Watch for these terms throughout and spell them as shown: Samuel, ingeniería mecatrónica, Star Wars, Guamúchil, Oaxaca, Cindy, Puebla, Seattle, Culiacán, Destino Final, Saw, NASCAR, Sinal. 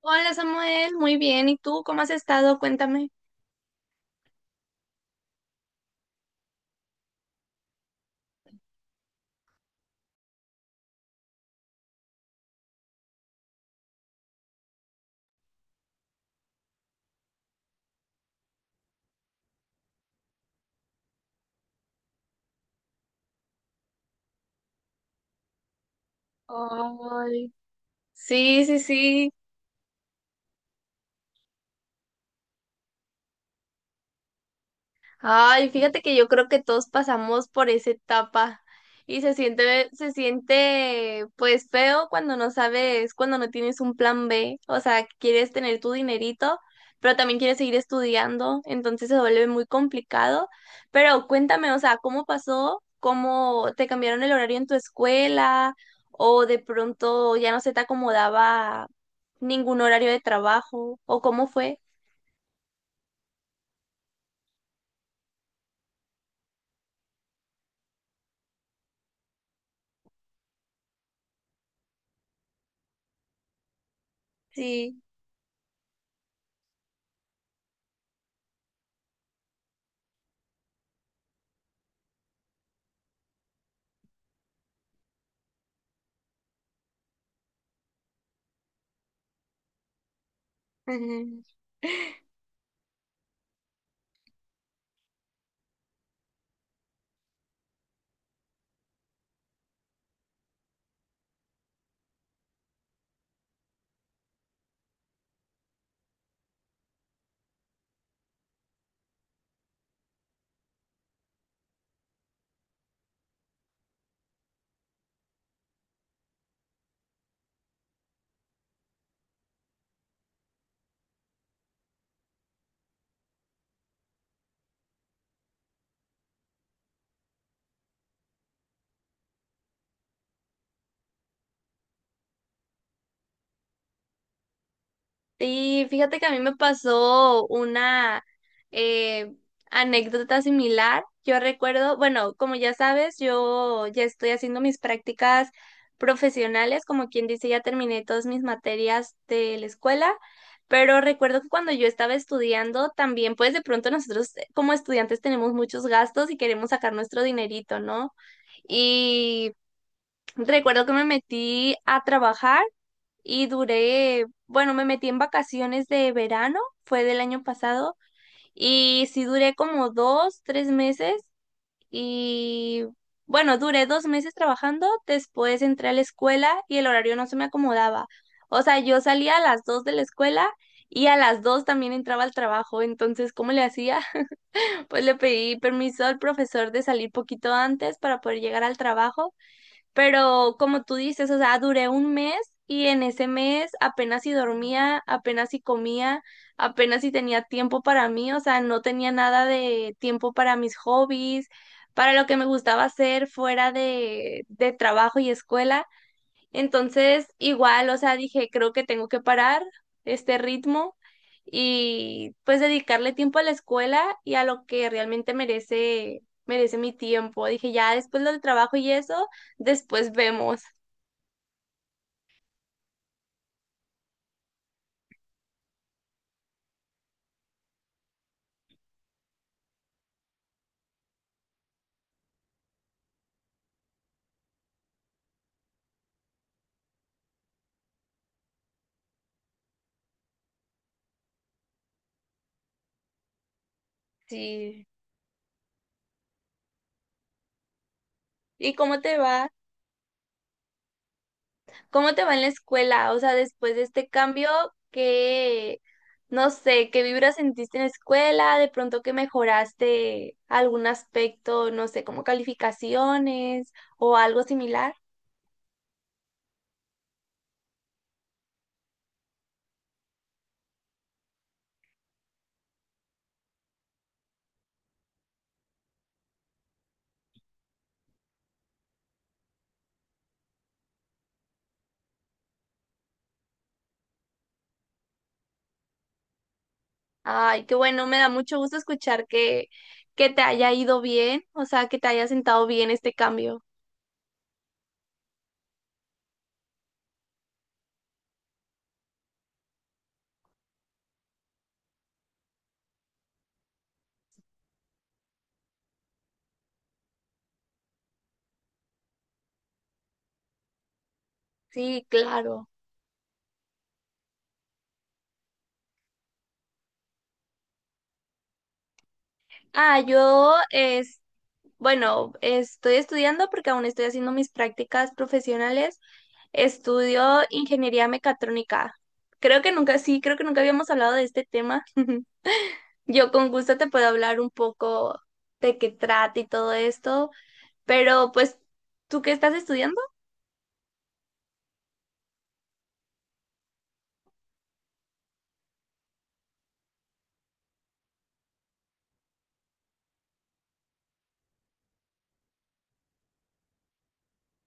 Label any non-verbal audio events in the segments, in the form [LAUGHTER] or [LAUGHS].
Hola Samuel, muy bien. ¿Y tú cómo has estado? Cuéntame. Ay, sí, sí, sí. Ay, fíjate que yo creo que todos pasamos por esa etapa y se siente pues feo cuando no sabes, cuando no tienes un plan B, o sea, quieres tener tu dinerito, pero también quieres seguir estudiando, entonces se vuelve muy complicado. Pero cuéntame, o sea, ¿cómo pasó? ¿Cómo te cambiaron el horario en tu escuela? ¿O de pronto ya no se te acomodaba ningún horario de trabajo? ¿O cómo fue? Sí. Sí, fíjate que a mí me pasó una eh, anécdota similar. Yo recuerdo, bueno, como ya sabes, yo ya estoy haciendo mis prácticas profesionales, como quien dice, ya terminé todas mis materias de la escuela, pero recuerdo que cuando yo estaba estudiando, también pues de pronto nosotros como estudiantes tenemos muchos gastos y queremos sacar nuestro dinerito, ¿no? Y recuerdo que me metí a trabajar y duré, bueno, me metí en vacaciones de verano, fue del año pasado, y sí duré como 2, 3 meses y bueno, duré 2 meses trabajando, después entré a la escuela y el horario no se me acomodaba. O sea, yo salía a las 2 de la escuela y a las 2 también entraba al trabajo, entonces, ¿cómo le hacía? [LAUGHS] Pues le pedí permiso al profesor de salir poquito antes para poder llegar al trabajo, pero como tú dices, o sea, duré 1 mes y en ese mes apenas si dormía, apenas si comía, apenas si tenía tiempo para mí, o sea, no tenía nada de tiempo para mis hobbies, para lo que me gustaba hacer fuera de trabajo y escuela. Entonces, igual, o sea, dije, creo que tengo que parar este ritmo y pues dedicarle tiempo a la escuela y a lo que realmente merece, merece mi tiempo. Dije, ya después lo del trabajo y eso, después vemos. Sí. ¿Y cómo te va? ¿Cómo te va en la escuela? O sea, después de este cambio, ¿qué, no sé, qué vibra sentiste en la escuela? ¿De pronto que mejoraste algún aspecto, no sé, como calificaciones o algo similar? Ay, qué bueno, me da mucho gusto escuchar que te haya ido bien, o sea, que te haya sentado bien este cambio. Sí, claro. Ah, yo es, bueno, estoy estudiando porque aún estoy haciendo mis prácticas profesionales. Estudio ingeniería mecatrónica. Creo que nunca, sí, creo que nunca habíamos hablado de este tema. [LAUGHS] Yo con gusto te puedo hablar un poco de qué trata y todo esto, pero pues, ¿tú qué estás estudiando?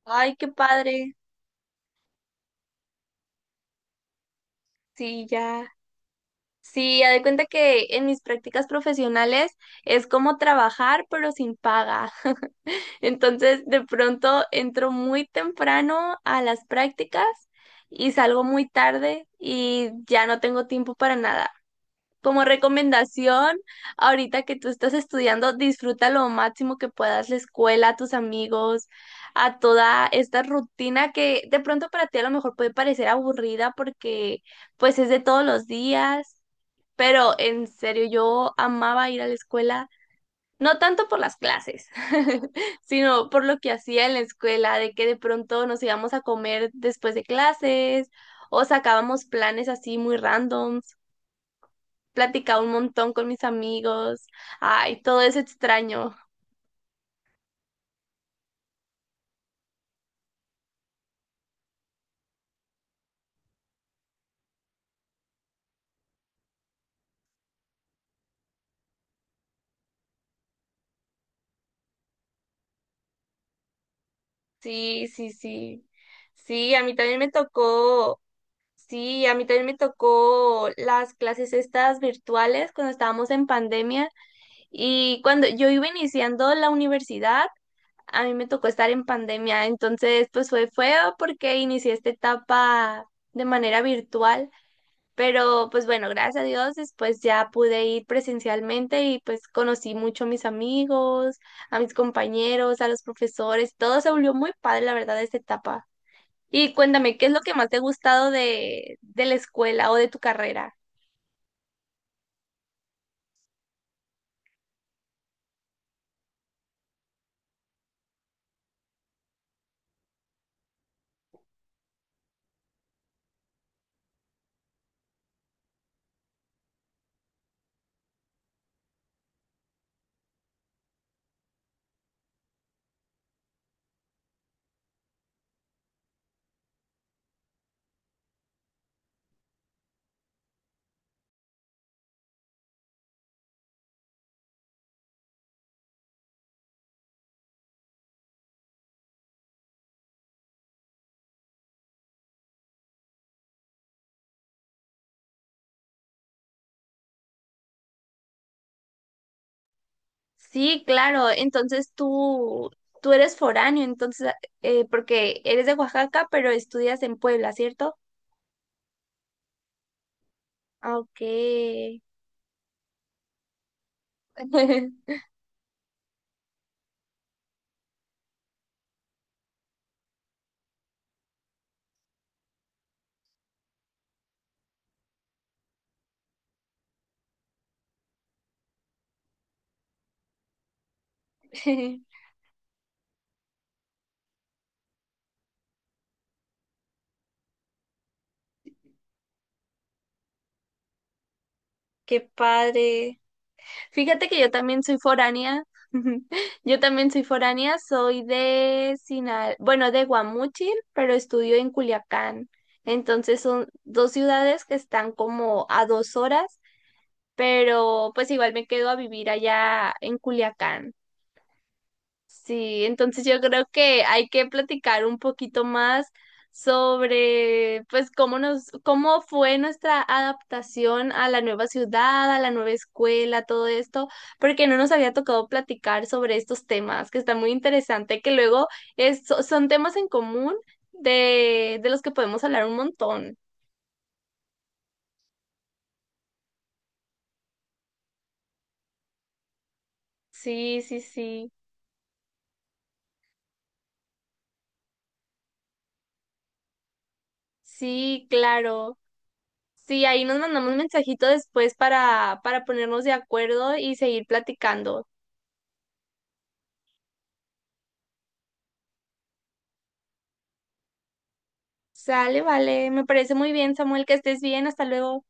Ay, qué padre. Sí, ya. Sí, haz de cuenta que en mis prácticas profesionales es como trabajar pero sin paga. [LAUGHS] Entonces, de pronto entro muy temprano a las prácticas y salgo muy tarde y ya no tengo tiempo para nada. Como recomendación, ahorita que tú estás estudiando, disfruta lo máximo que puedas la escuela, a tus amigos, a toda esta rutina que de pronto para ti a lo mejor puede parecer aburrida porque pues es de todos los días, pero en serio, yo amaba ir a la escuela, no tanto por las clases, [LAUGHS] sino por lo que hacía en la escuela, de que de pronto nos íbamos a comer después de clases o sacábamos planes así muy randoms, platicaba un montón con mis amigos, ay, todo es extraño. Sí, sí, sí. Sí, a mí también me tocó, sí, a mí también me tocó las clases estas virtuales cuando estábamos en pandemia. Y cuando yo iba iniciando la universidad, a mí me tocó estar en pandemia, entonces pues fue feo porque inicié esta etapa de manera virtual, pero pues bueno, gracias a Dios después ya pude ir presencialmente y pues conocí mucho a mis amigos, a mis compañeros, a los profesores, todo se volvió muy padre, la verdad, esta etapa. Y cuéntame, ¿qué es lo que más te ha gustado de la escuela o de tu carrera? Sí, claro. Entonces tú eres foráneo, entonces, porque eres de Oaxaca, pero estudias en Puebla, ¿cierto? Ah, ok. [LAUGHS] Qué padre. Fíjate que yo también soy foránea. [LAUGHS] Yo también soy foránea, soy de Sinal, bueno, de Guamúchil, pero estudio en Culiacán. Entonces son dos ciudades que están como a 2 horas, pero pues igual me quedo a vivir allá en Culiacán. Sí, entonces yo creo que hay que platicar un poquito más sobre, pues, cómo nos, cómo fue nuestra adaptación a la nueva ciudad, a la nueva escuela, todo esto, porque no nos había tocado platicar sobre estos temas, que está muy interesante, que luego son temas en común de los que podemos hablar un montón. Sí, sí, sí. Sí, claro. Sí, ahí nos mandamos un mensajito después para, ponernos de acuerdo y seguir platicando. Sale, vale. Me parece muy bien, Samuel, que estés bien. Hasta luego.